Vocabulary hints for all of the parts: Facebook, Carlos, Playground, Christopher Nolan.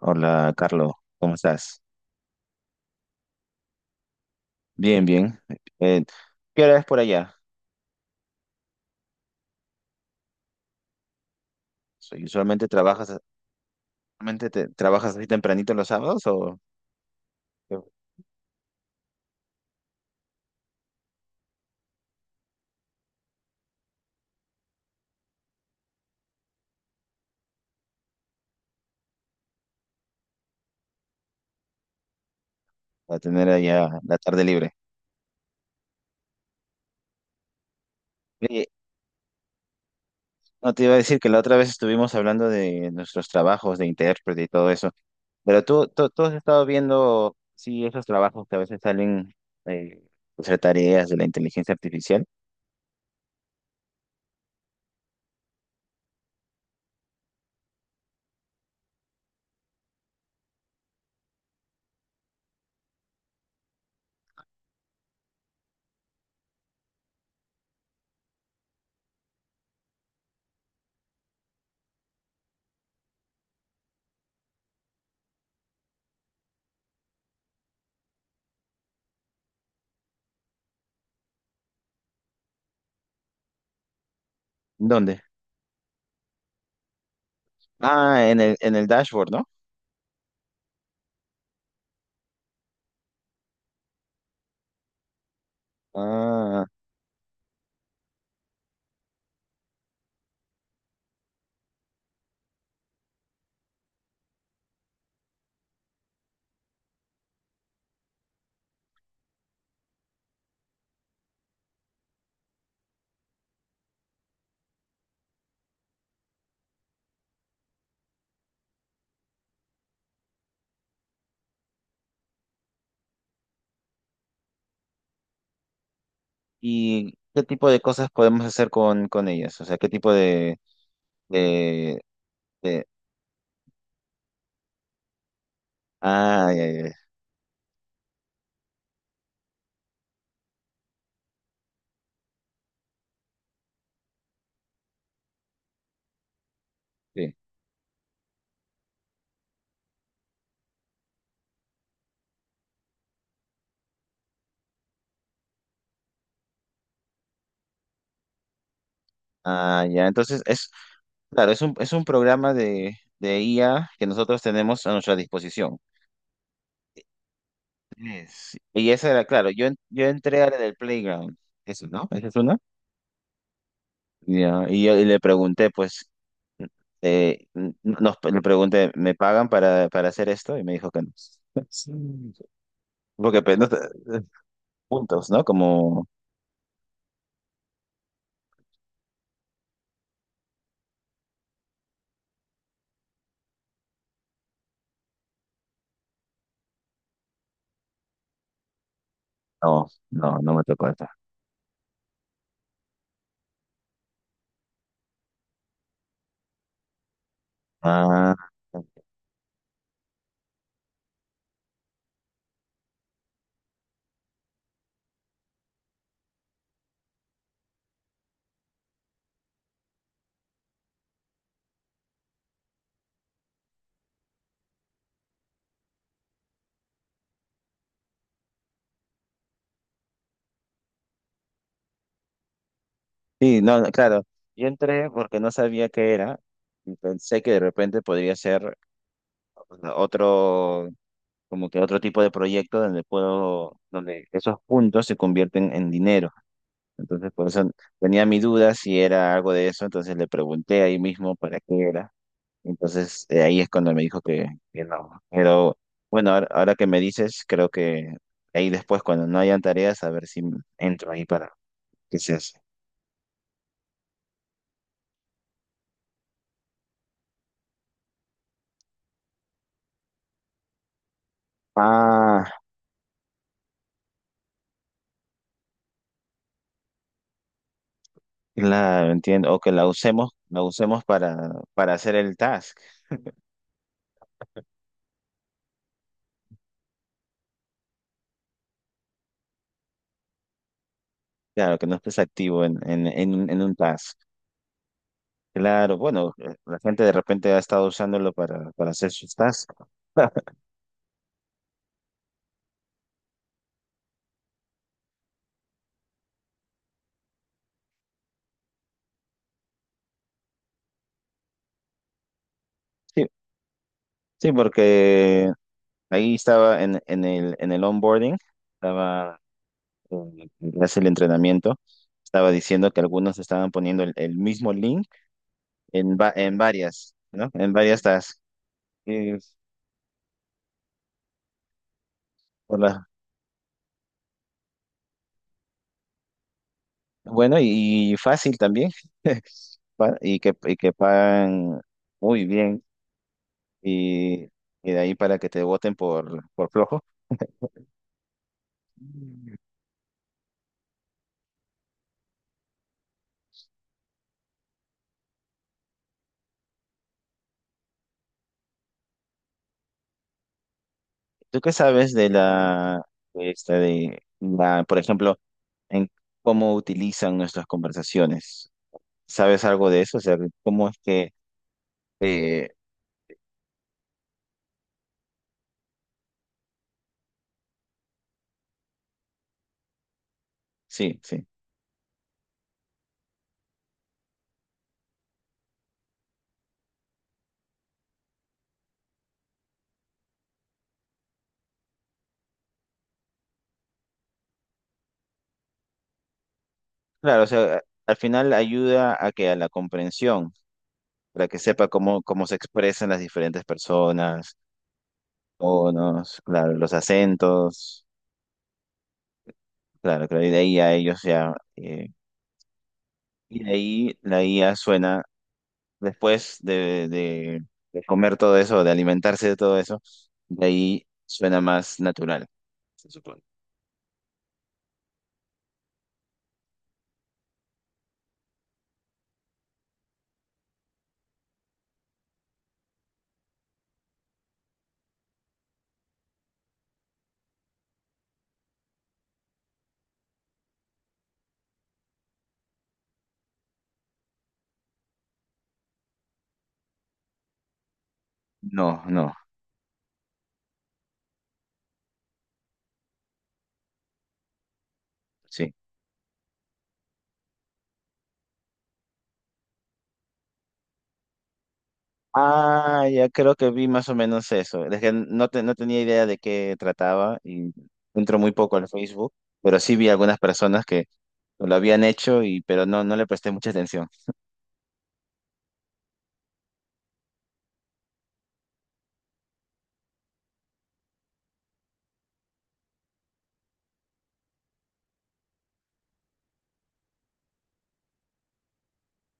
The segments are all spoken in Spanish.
Hola, Carlos, ¿cómo estás? Bien, bien. Eh, ¿Qué hora es por allá? ¿Usualmente trabajas, trabajas así tempranito los sábados o para tener allá la tarde libre? Oye, no te iba a decir que la otra vez estuvimos hablando de nuestros trabajos de intérprete y todo eso, pero tú has estado viendo, sí, esos trabajos que a veces salen, eh, pues, hacer tareas de la inteligencia artificial. ¿Dónde? Ah, en en el dashboard, ¿no? Ah. ¿Y qué tipo de cosas podemos hacer con ellas? O sea, ¿qué tipo de, de- Ah, ya, ya, ya, sí. Ah, ya. Entonces, claro, es un programa de IA que nosotros tenemos a nuestra disposición. Y esa era, claro, yo entré a la del Playground. Eso, ¿no? ¿Esa es una? Ya. Y le pregunté, pues, le pregunté, ¿me pagan para hacer esto? Y me dijo que no. Sí. Porque pues, puntos, ¿no? Como... No, no, no me tocó esta. Ah, sí, no, no, claro. Yo entré porque no sabía qué era y pensé que de repente podría ser otro, como que otro tipo de proyecto donde puedo, donde esos puntos se convierten en dinero. Entonces, por eso tenía mi duda si era algo de eso, entonces le pregunté ahí mismo para qué era. Entonces, ahí es cuando me dijo que no. Pero bueno, ahora, ahora que me dices, creo que ahí después, cuando no hayan tareas, a ver si entro ahí que se hace. Ah, claro, entiendo. O que la usemos para hacer el task. Claro, que no estés activo en un task. Claro, bueno, la gente de repente ha estado usándolo para hacer sus tasks. Sí, sí, porque ahí estaba en el onboarding, estaba en clase el entrenamiento, estaba diciendo que algunos estaban poniendo el mismo link en, en varias, ¿no? En varias tasks. Y por la- Bueno, y fácil también. Y que pagan muy bien. Y, y de ahí para que te voten por flojo. Mm. ¿Tú qué sabes de esta de la, por ejemplo, en cómo utilizan nuestras conversaciones? ¿Sabes algo de eso? O sea, ¿cómo es que, eh, sí, sí? Claro, o sea, al final ayuda a que a la comprensión, para que sepa cómo, cómo se expresan las diferentes personas, tonos, claro, los acentos, claro, creo y de ahí a ellos ya, y de ahí la IA suena, después de comer todo eso, de alimentarse de todo eso, de ahí suena más natural, se supone. No, no, sí. Ah, ya creo que vi más o menos eso. Es que no tenía idea de qué trataba y entro muy poco al Facebook, pero sí vi algunas personas que lo habían hecho y pero no, no le presté mucha atención.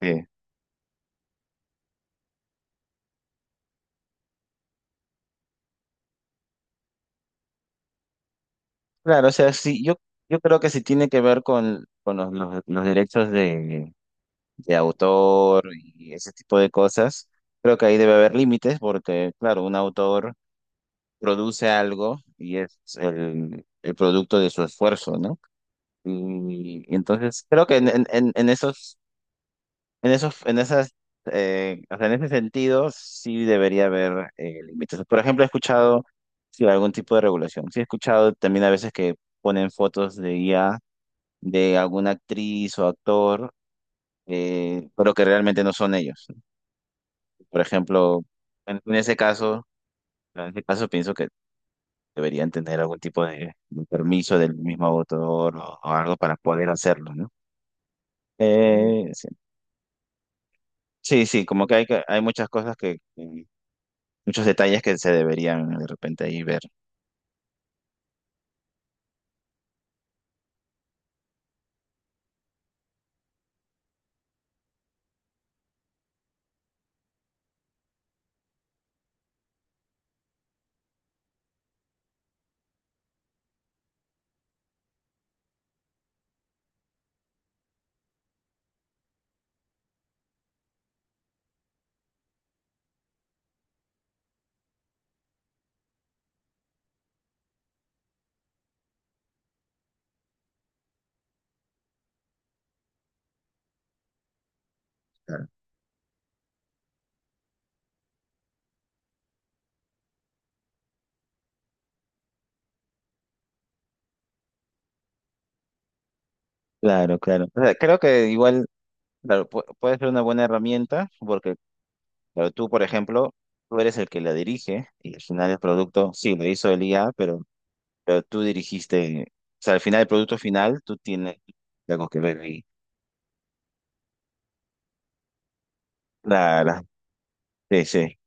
Sí. Claro, o sea, sí, yo creo que sí tiene que ver con los derechos de autor y ese tipo de cosas. Creo que ahí debe haber límites porque, claro, un autor produce algo y es el producto de su esfuerzo, ¿no? Y entonces creo que en esos, en esos, en esas, o sea, en ese sentido sí debería haber límites. Por ejemplo, he escuchado sí, algún tipo de regulación. Sí, he escuchado también a veces que ponen fotos de IA de alguna actriz o actor, pero que realmente no son ellos. Por ejemplo, en, en ese caso, en ese caso pienso que deberían tener algún tipo de permiso del mismo autor o algo para poder hacerlo, ¿no? Mm. Sí, sí, sí, como que hay, hay muchas cosas que muchos detalles que se deberían de repente ahí ver. Claro, claro, claro. O sea, creo que igual, claro, puede ser una buena herramienta, porque pero tú, por ejemplo, tú eres el que la dirige y al final el producto, sí, lo hizo el IA, pero tú dirigiste, o sea, al final el producto final, tú tienes algo que ver ahí. Claro, sí, sí,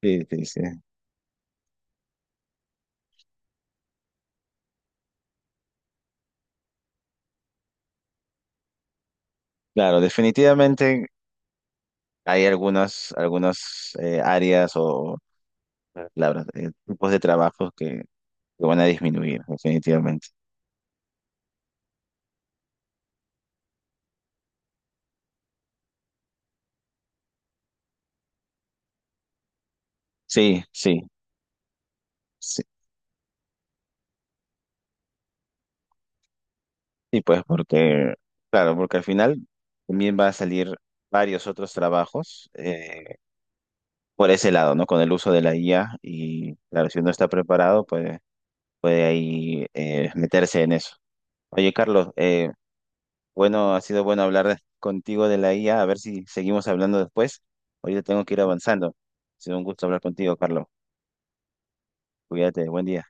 sí, sí, sí. Claro, definitivamente hay algunas, algunas áreas o palabras, tipos de trabajos que van a disminuir, definitivamente. Sí, sí, sí, sí, pues porque, claro, porque al final también va a salir varios otros trabajos, por ese lado, ¿no? Con el uso de la IA y claro, si uno está preparado, pues puede ahí meterse en eso. Oye, Carlos, bueno, ha sido bueno hablar contigo de la IA, a ver si seguimos hablando después. Ahorita tengo que ir avanzando. Ha sido un gusto hablar contigo, Carlos. Cuídate, buen día.